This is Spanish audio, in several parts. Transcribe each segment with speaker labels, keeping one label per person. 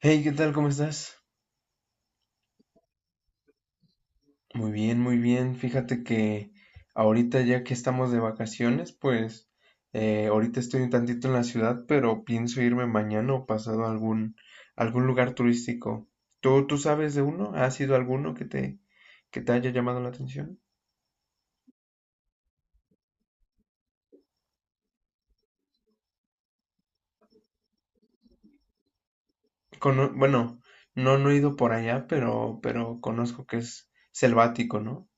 Speaker 1: Hey, ¿qué tal? ¿Cómo estás? Muy bien, muy bien. Fíjate que ahorita ya que estamos de vacaciones, pues ahorita estoy un tantito en la ciudad, pero pienso irme mañana o pasado a algún lugar turístico. ¿Tú sabes de uno? ¿Has ido a alguno que que te haya llamado la atención? Bueno, no, no he ido por allá, pero conozco que es selvático, ¿no?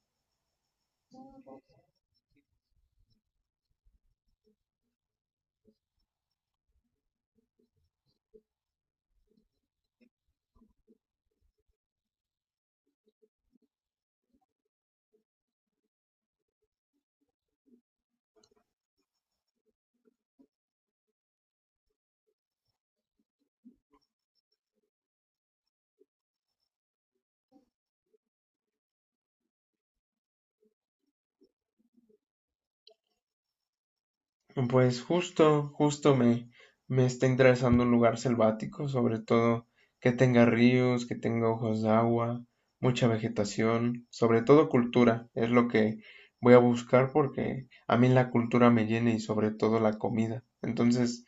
Speaker 1: Pues justo me está interesando un lugar selvático, sobre todo que tenga ríos, que tenga ojos de agua, mucha vegetación, sobre todo cultura, es lo que voy a buscar porque a mí la cultura me llena y sobre todo la comida. Entonces,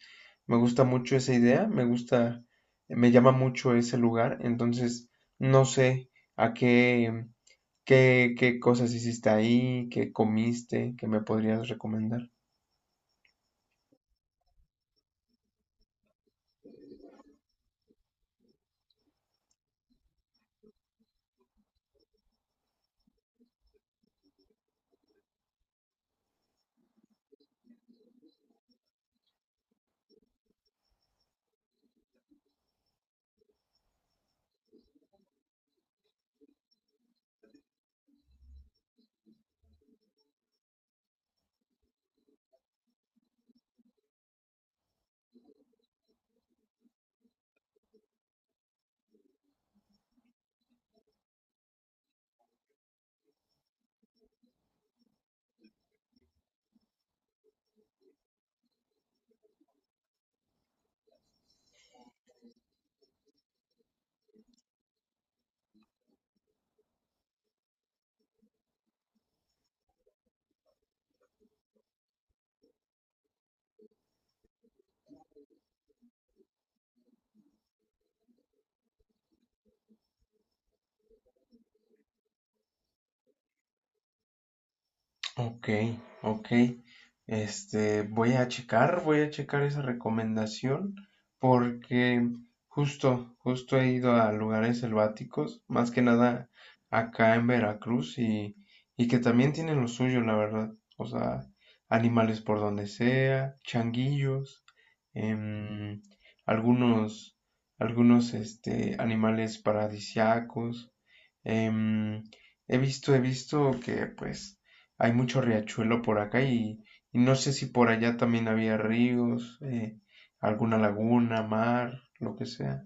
Speaker 1: me gusta mucho esa idea, me gusta, me llama mucho ese lugar, entonces no sé a qué cosas hiciste ahí, qué comiste, qué me podrías recomendar. Ok, ok. Este, voy a checar esa recomendación porque justo he ido a lugares selváticos, más que nada acá en Veracruz y que también tienen lo suyo, la verdad. O sea, animales por donde sea, changuillos, em, algunos, algunos, este, animales paradisiacos. em, He visto que pues hay mucho riachuelo por acá y no sé si por allá también había ríos, alguna laguna, mar, lo que sea.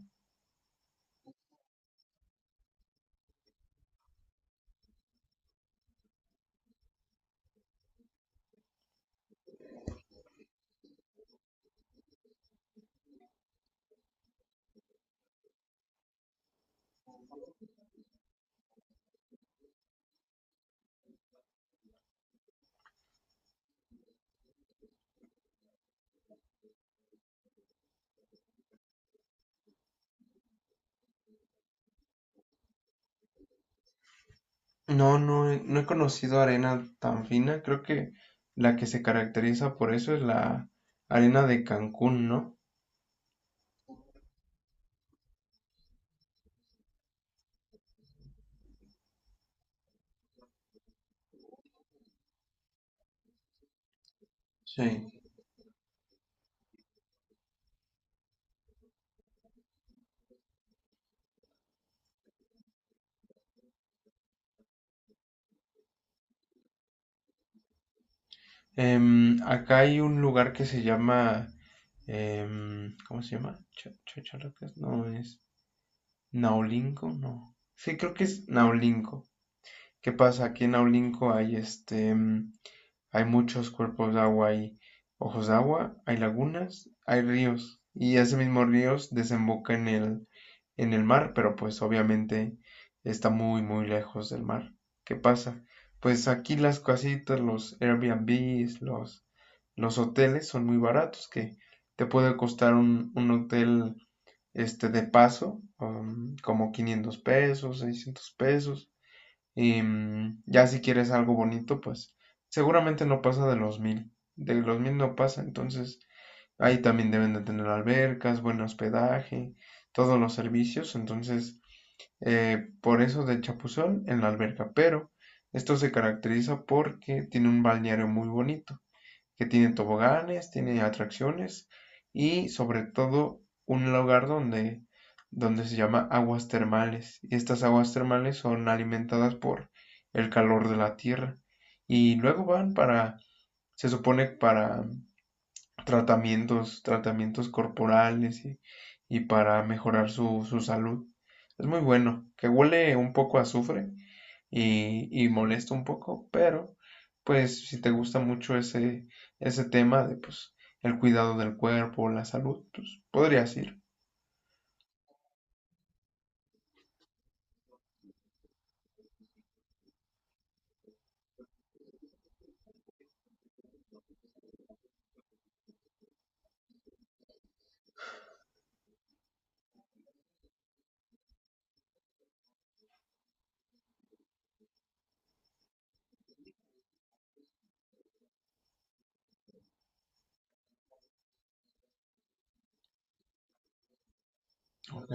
Speaker 1: No, no, no he conocido arena tan fina. Creo que la que se caracteriza por eso es la arena de Cancún, ¿no? Sí. Acá hay un lugar que se llama, ¿cómo se llama? Chachalacas, no es Naolinco, no. Sí, creo que es Naolinco. ¿Qué pasa? Aquí en Naolinco hay muchos cuerpos de agua, hay ojos de agua, hay lagunas, hay ríos. Y ese mismo ríos desemboca en el mar, pero pues obviamente está muy, muy lejos del mar. ¿Qué pasa? Pues aquí las casitas, los Airbnbs, los hoteles son muy baratos, que te puede costar un hotel este de paso, como $500, $600. Ya si quieres algo bonito, pues seguramente no pasa de los 1,000. De los mil no pasa, entonces ahí también deben de tener albercas, buen hospedaje, todos los servicios. Entonces, por eso de Chapuzón en la alberca. Pero esto se caracteriza porque tiene un balneario muy bonito que tiene toboganes, tiene atracciones y sobre todo un lugar donde se llama aguas termales. Y estas aguas termales son alimentadas por el calor de la tierra y luego van para, se supone para tratamientos corporales y para mejorar su salud. Es muy bueno, que huele un poco a azufre, y molesta un poco, pero pues si te gusta mucho ese tema de pues el cuidado del cuerpo, la salud, pues podrías ir. Ok.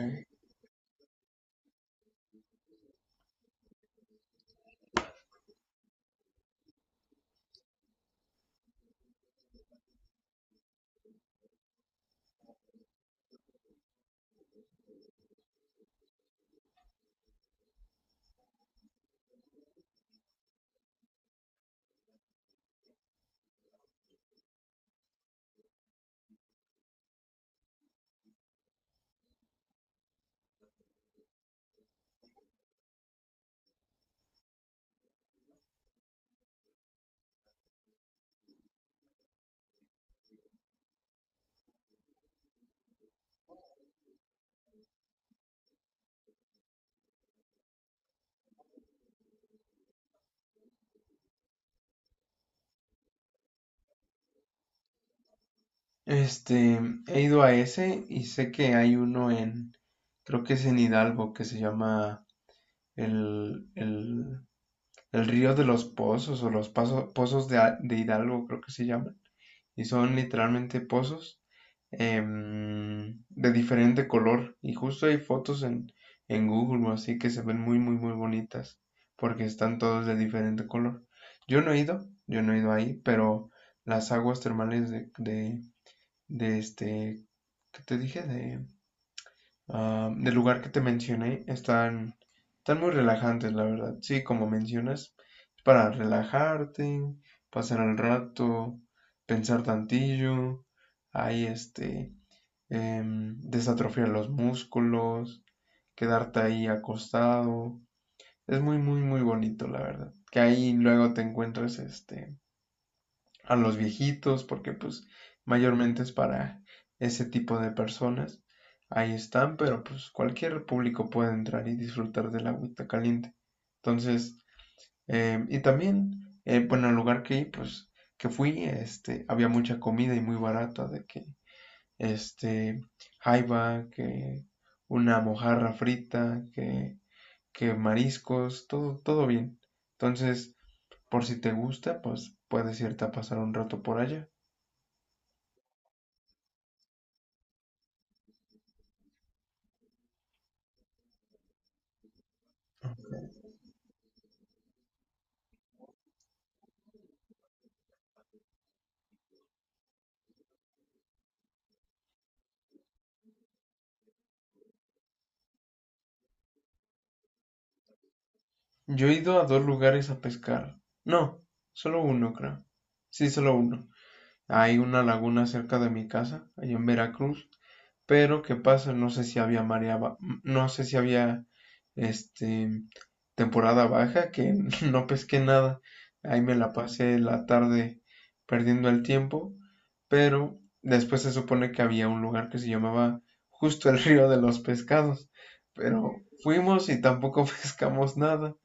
Speaker 1: Este, he ido a ese y sé que hay uno en, creo que es en Hidalgo, que se llama el, el, el Río de los Pozos o los Pozos de, de Hidalgo, creo que se llama. Y son literalmente pozos de diferente color. Y justo hay fotos en Google así que se ven muy, muy, muy bonitas porque están todos de diferente color. Yo no he ido, yo no he ido ahí, pero las aguas termales de este, ¿qué te dije? Del lugar que te mencioné están muy relajantes, la verdad. Sí, como mencionas, es para relajarte, pasar el rato, pensar tantillo, ahí este, desatrofiar los músculos, quedarte ahí acostado. Es muy, muy, muy bonito, la verdad. Que ahí luego te encuentres este a los viejitos, porque pues mayormente es para ese tipo de personas. Ahí están, pero pues cualquier público puede entrar y disfrutar del agüita caliente. Entonces, y también, bueno, el lugar que, pues, que fui, este, había mucha comida y muy barata, de que, este, jaiba, que una mojarra frita, que mariscos, todo, todo bien. Entonces, por si te gusta, pues puedes irte a pasar un rato por allá. Yo he ido a dos lugares a pescar. No, solo uno, creo. Sí, solo uno. Hay una laguna cerca de mi casa, allá en Veracruz. Pero, ¿qué pasa? No sé si había marea, no sé si había, este, temporada baja, que no pesqué nada. Ahí me la pasé la tarde perdiendo el tiempo. Pero después se supone que había un lugar que se llamaba justo el río de los pescados. Pero fuimos y tampoco pescamos nada.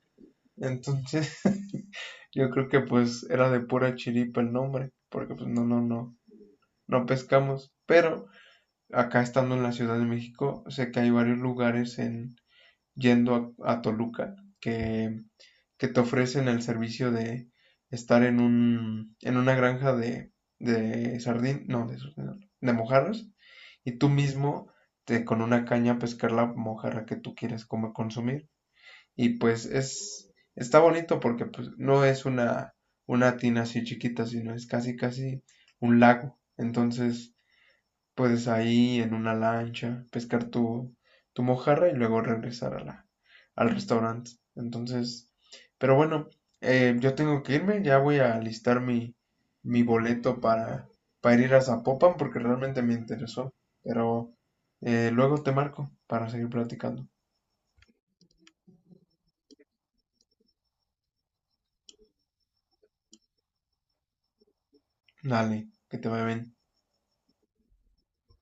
Speaker 1: Entonces, yo creo que pues era de pura chiripa el nombre, porque pues no, no pescamos. Pero acá estando en la Ciudad de México, sé que hay varios lugares en yendo a Toluca que, que te ofrecen el servicio de estar en una granja de sardín, no, de, sardín, no, de mojarras, y tú mismo con una caña pescar la mojarra que tú quieres como consumir. Y pues es, está bonito porque pues, no es una tina así chiquita, sino es casi, casi un lago. Entonces puedes ahí en una lancha pescar tu mojarra y luego regresar al restaurante. Entonces, pero bueno, yo tengo que irme, ya voy a listar mi boleto para ir a Zapopan porque realmente me interesó. Pero luego te marco para seguir platicando. Dale, que te vaya bien.